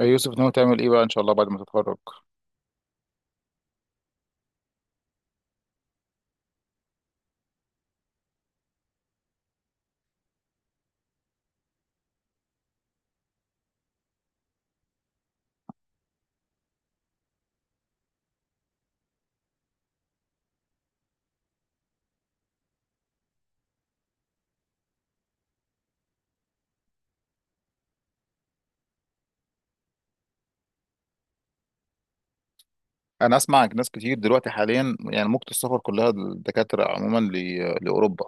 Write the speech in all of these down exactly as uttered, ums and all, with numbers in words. يوسف ناوي تعمل ايه بقى ان شاء الله بعد ما تتخرج؟ انا اسمع ناس كتير دلوقتي حاليا، يعني موجة السفر كلها الدكاترة عموما ل- لاوروبا.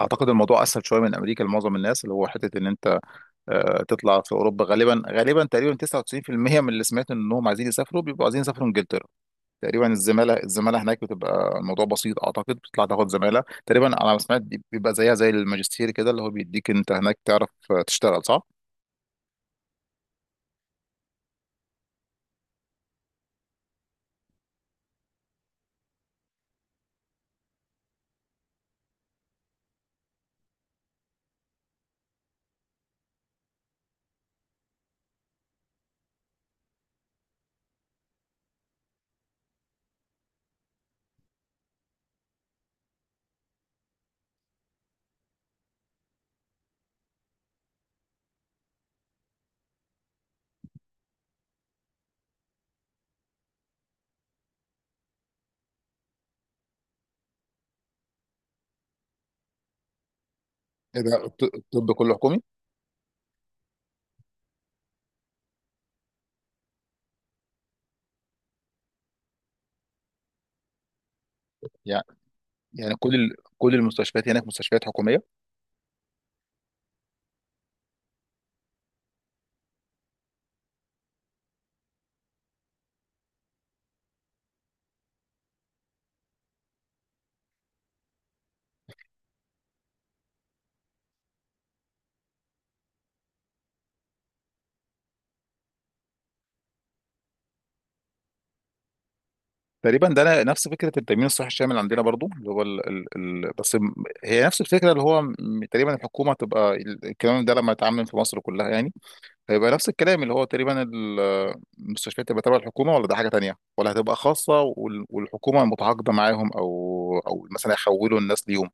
اعتقد الموضوع اسهل شويه من امريكا لمعظم الناس، اللي هو حته ان انت آه، تطلع في اوروبا غالبا غالبا تقريبا تسعة وتسعين في المية من اللي سمعت انهم عايزين يسافروا بيبقوا عايزين يسافروا انجلترا. تقريبا الزماله الزماله هناك بتبقى الموضوع بسيط، اعتقد بتطلع تاخد زماله تقريبا على ما سمعت. بيبقى زيها زي الماجستير كده، اللي هو بيديك انت هناك تعرف آه، تشتغل، صح؟ ايه ده الط- الطب كله حكومي؟ يعني كل ال- كل المستشفيات هناك مستشفيات حكوميه تقريبا؟ ده أنا- نفس فكره التامين الصحي الشامل عندنا برضو، اللي هو ال... ال... ال... بس م- هي نفس الفكره، اللي هو م- تقريبا الحكومه تبقى ال- الكلام ده لما يتعمم في مصر كلها يعني، هيبقى نفس الكلام اللي هو تقريبا ال- المستشفيات تبقى تبع الحكومه، ولا ده حاجه تانيه، ولا هتبقى خاصه وال... والحكومه متعاقده معاهم، او او مثلا يحولوا الناس ليهم.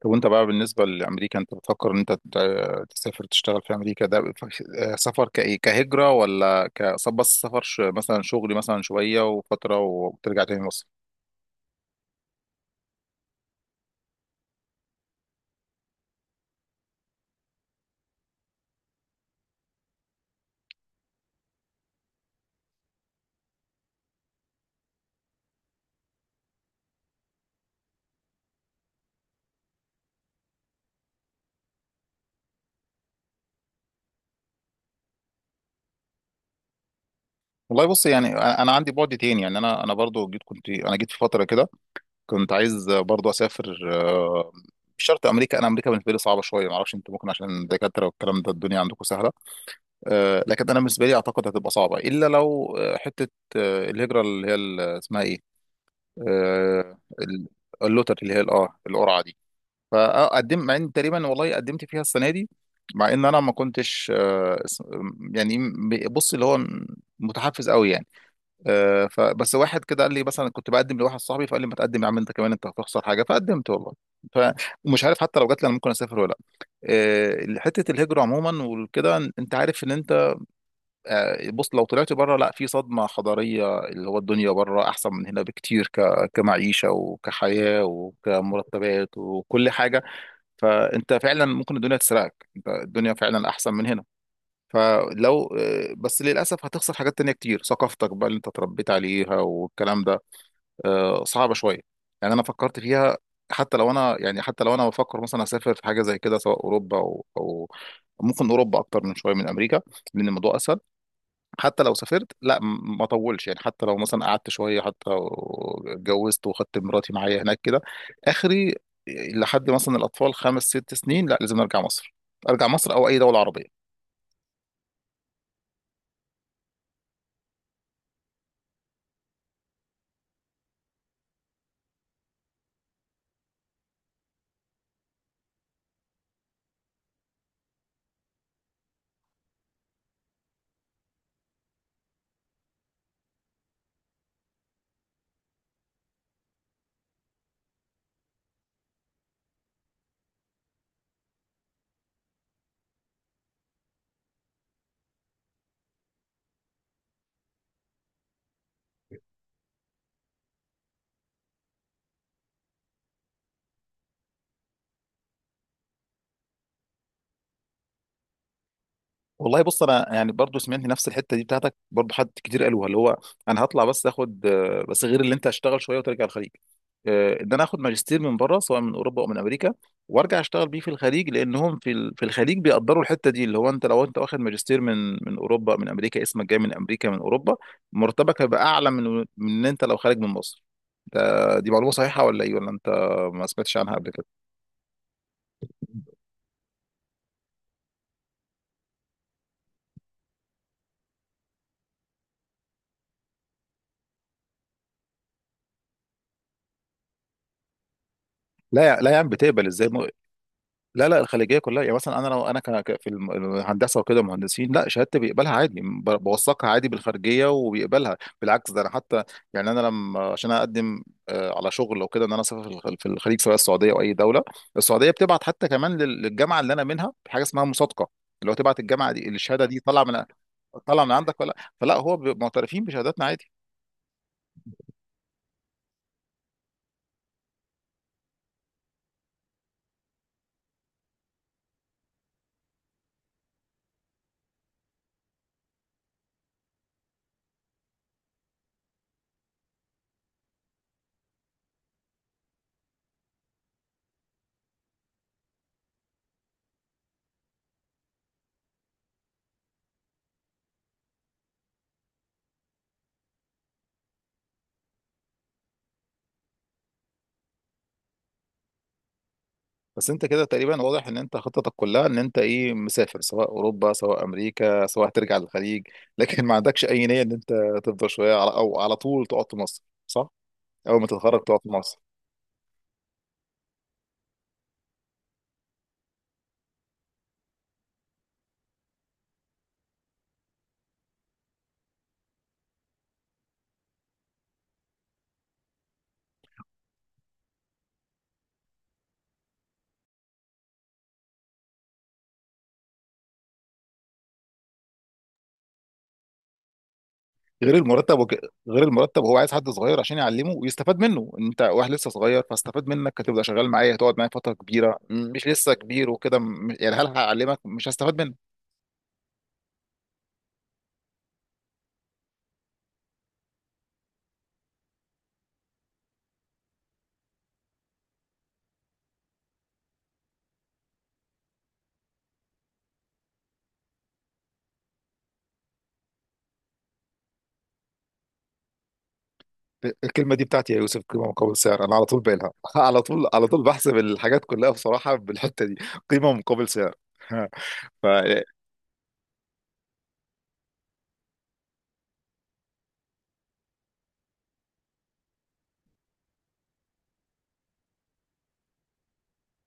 طب وانت بقى بالنسبة لأمريكا، انت بتفكر ان انت ت- تسافر تشتغل في أمريكا ده، ف- سفر كإيه، كهجرة ولا ك بس سفر، ش- مثلا شغل، مثلا شوية وفترة وترجع تاني مصر؟ والله بص، يعني انا أنا عندي بعد تاني، يعني انا انا برضو جيت، كنت انا جيت في فترة كده كنت عايز برضو اسافر، آه، مش شرط امريكا، انا امريكا بالنسبه لي صعبه شويه، ما اعرفش انت ممكن عشان دكاتره والكلام ده الدنيا عندكم سهله. آه، لكن انا بالنسبه لي اعتقد هتبقى صعبه الا لو آه، حته، آه، الهجره اللي هي ال- اسمها ايه، آه، ال- اللوتر اللي هي الاه القرعه دي. فقدمت، مع ان تقريبا والله قدمت فيها السنه دي، مع ان انا ما كنتش آه، اس- يعني م- بص، اللي هو م- متحفز قوي يعني. آه، فبس واحد كده قال لي، مثلا كنت بقدم لواحد صاحبي فقال لي، ما تقدم يا عم انت كمان، انت هتخسر حاجه؟ فقدمت والله. فمش عارف حتى لو جات لي انا ممكن اسافر ولا لا. آه، حته الهجره عموما وكده، انت عارف ان انت، آه، بص لو طلعت بره، لا، في صدمة حضارية، اللي هو الدنيا بره أحسن من هنا بكتير، ك... كمعيشة وكحياة وكمرتبات وكل حاجة. فأنت فعلا ممكن الدنيا تسرقك، أنت الدنيا فعلا أحسن من هنا. فلو آه، بس للأسف هتخسر حاجات تانية كتير، ثقافتك بقى اللي أنت اتربيت عليها والكلام ده، آه، صعبة شوية. يعني أنا فكرت فيها، حتى لو أنا، يعني حتى لو أنا بفكر مثلا أسافر في حاجة زي كده سواء أوروبا أو أو ممكن أوروبا أكتر من شوية من أمريكا لأن الموضوع أسهل. حتى لو سافرت لا م- ما اطولش، يعني حتى لو مثلا قعدت شويه، حتى لو اتجوزت وخدت مراتي معايا هناك كده اخري، لحد مثلا الاطفال خمس ست سنين، لا لازم ارجع مصر، ارجع مصر او اي دوله عربيه. والله بص انا، يعني برضو سمعت نفس الحته دي بتاعتك، برضو حد كتير قالوها، اللي هو انا هطلع بس اخد، آه، بس غير اللي انت هشتغل شويه وترجع الخليج، آه، ان انا اخد ماجستير من بره سواء من اوروبا او من امريكا، وارجع اشتغل بيه في الخليج، لانهم في ال- في الخليج بيقدروا الحته دي، اللي هو انت لو انت واخد ماجستير من من اوروبا من امريكا، اسمك جاي من امريكا من اوروبا، مرتبك هيبقى اعلى من من ان انت لو خارج من مصر. ده دي معلومه صحيحه ولا ايه، ولا انت ما سمعتش عنها قبل كده؟ لا يا- لا يا عم، بتقبل ازاي؟ لا لا، الخليجيه كلها يعني، مثلا انا لو انا ك- ك- في الم- الهندسه وكده مهندسين، لا شهادتي بيقبلها عادي، ب- بوثقها عادي بالخارجيه وبيقبلها، بالعكس ده انا حتى، يعني انا لما عشان اقدم آه، على شغل او كده، ان انا اسافر في الخ- في الخليج سواء السعوديه او اي دوله، السعوديه بتبعت حتى كمان لل- للجامعه اللي انا منها حاجه اسمها مصادقه، اللي هو تبعت الجامعه دي الشهاده دي طالعه من طالعه من عندك ولا، فلا هو بيبقوا معترفين بشهاداتنا عادي. بس انت كده تقريبا واضح ان انت خطتك كلها ان انت ايه، مسافر سواء اوروبا سواء امريكا سواء هترجع للخليج لكن ما عندكش اي نية ان انت تفضل شوية على او على طول تقعد في مصر، صح؟ اول ما تتخرج تقعد في مصر. غير المرتب وك... غير المرتب هو عايز حد صغير عشان يعلمه ويستفاد منه، انت واحد لسه صغير فاستفاد منك، هتبقى شغال معايا، هتقعد معايا فترة كبيرة، م- مش لسه كبير وكده، م- يعني هل هعلمك مش هستفاد منك؟ الكلمة دي بتاعتي يا يوسف، قيمة مقابل سعر، أنا على طول بالها على طول على طول بحسب الحاجات كلها بصراحة بالحتة دي، قيمة مقابل سعر. ف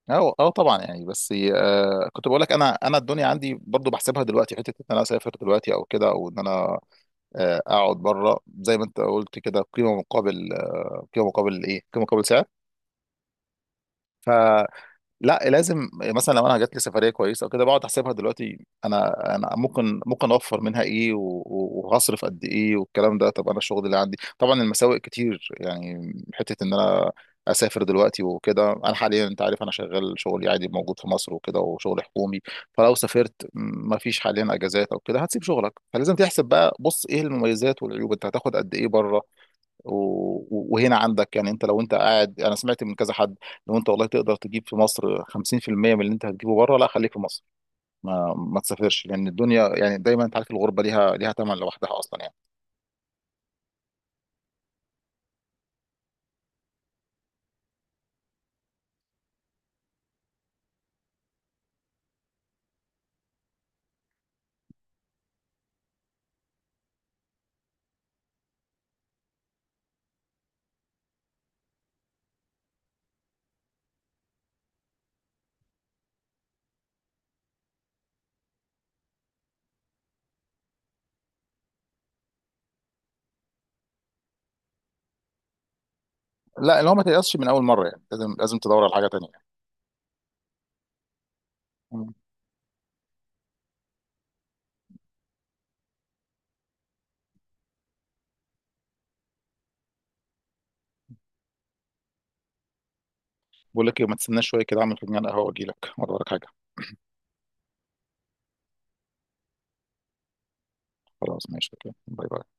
أو أو طبعا، يعني بس آه كنت بقول لك، أنا أنا الدنيا عندي برضو بحسبها دلوقتي، حتة إن أنا أسافر دلوقتي أو كده، أو إن أنا آه أقعد بره زي ما أنت قلت كده، قيمة مقابل آه قيمة مقابل إيه قيمة مقابل سعر. لا لازم، مثلا لو انا جات لي سفريه كويسه او كده، بقعد احسبها دلوقتي، انا انا ممكن ممكن اوفر منها ايه و- و- وهصرف قد ايه والكلام ده. طب انا الشغل اللي عندي طبعا المساوئ كتير، يعني حته ان انا اسافر دلوقتي وكده، انا حاليا انت عارف انا شغال شغلي عادي موجود في مصر وكده، وشغل حكومي، فلو سافرت ما فيش حاليا اجازات او كده، هتسيب شغلك، فلازم تحسب بقى، بص ايه المميزات والعيوب، انت هتاخد قد ايه بره و- وهنا عندك، يعني انت لو انت قاعد. انا سمعت من كذا حد، لو انت والله تقدر تجيب في مصر خمسين في المية من اللي انت هتجيبه بره، لا خليك في مصر، ما ما تسافرش، لان الدنيا يعني دايما انت عارف الغربه ليها ليها ثمن لوحدها اصلا يعني. لا، اللي هو ما تيأسش من اول مره، يعني لازم لازم تدور على حاجه تانيه يعني. بقول لك ايه، ما تستناش شويه كده، اعمل فنجان قهوه واجي لك، ولا وراك حاجه؟ خلاص ماشي، اوكي، باي باي.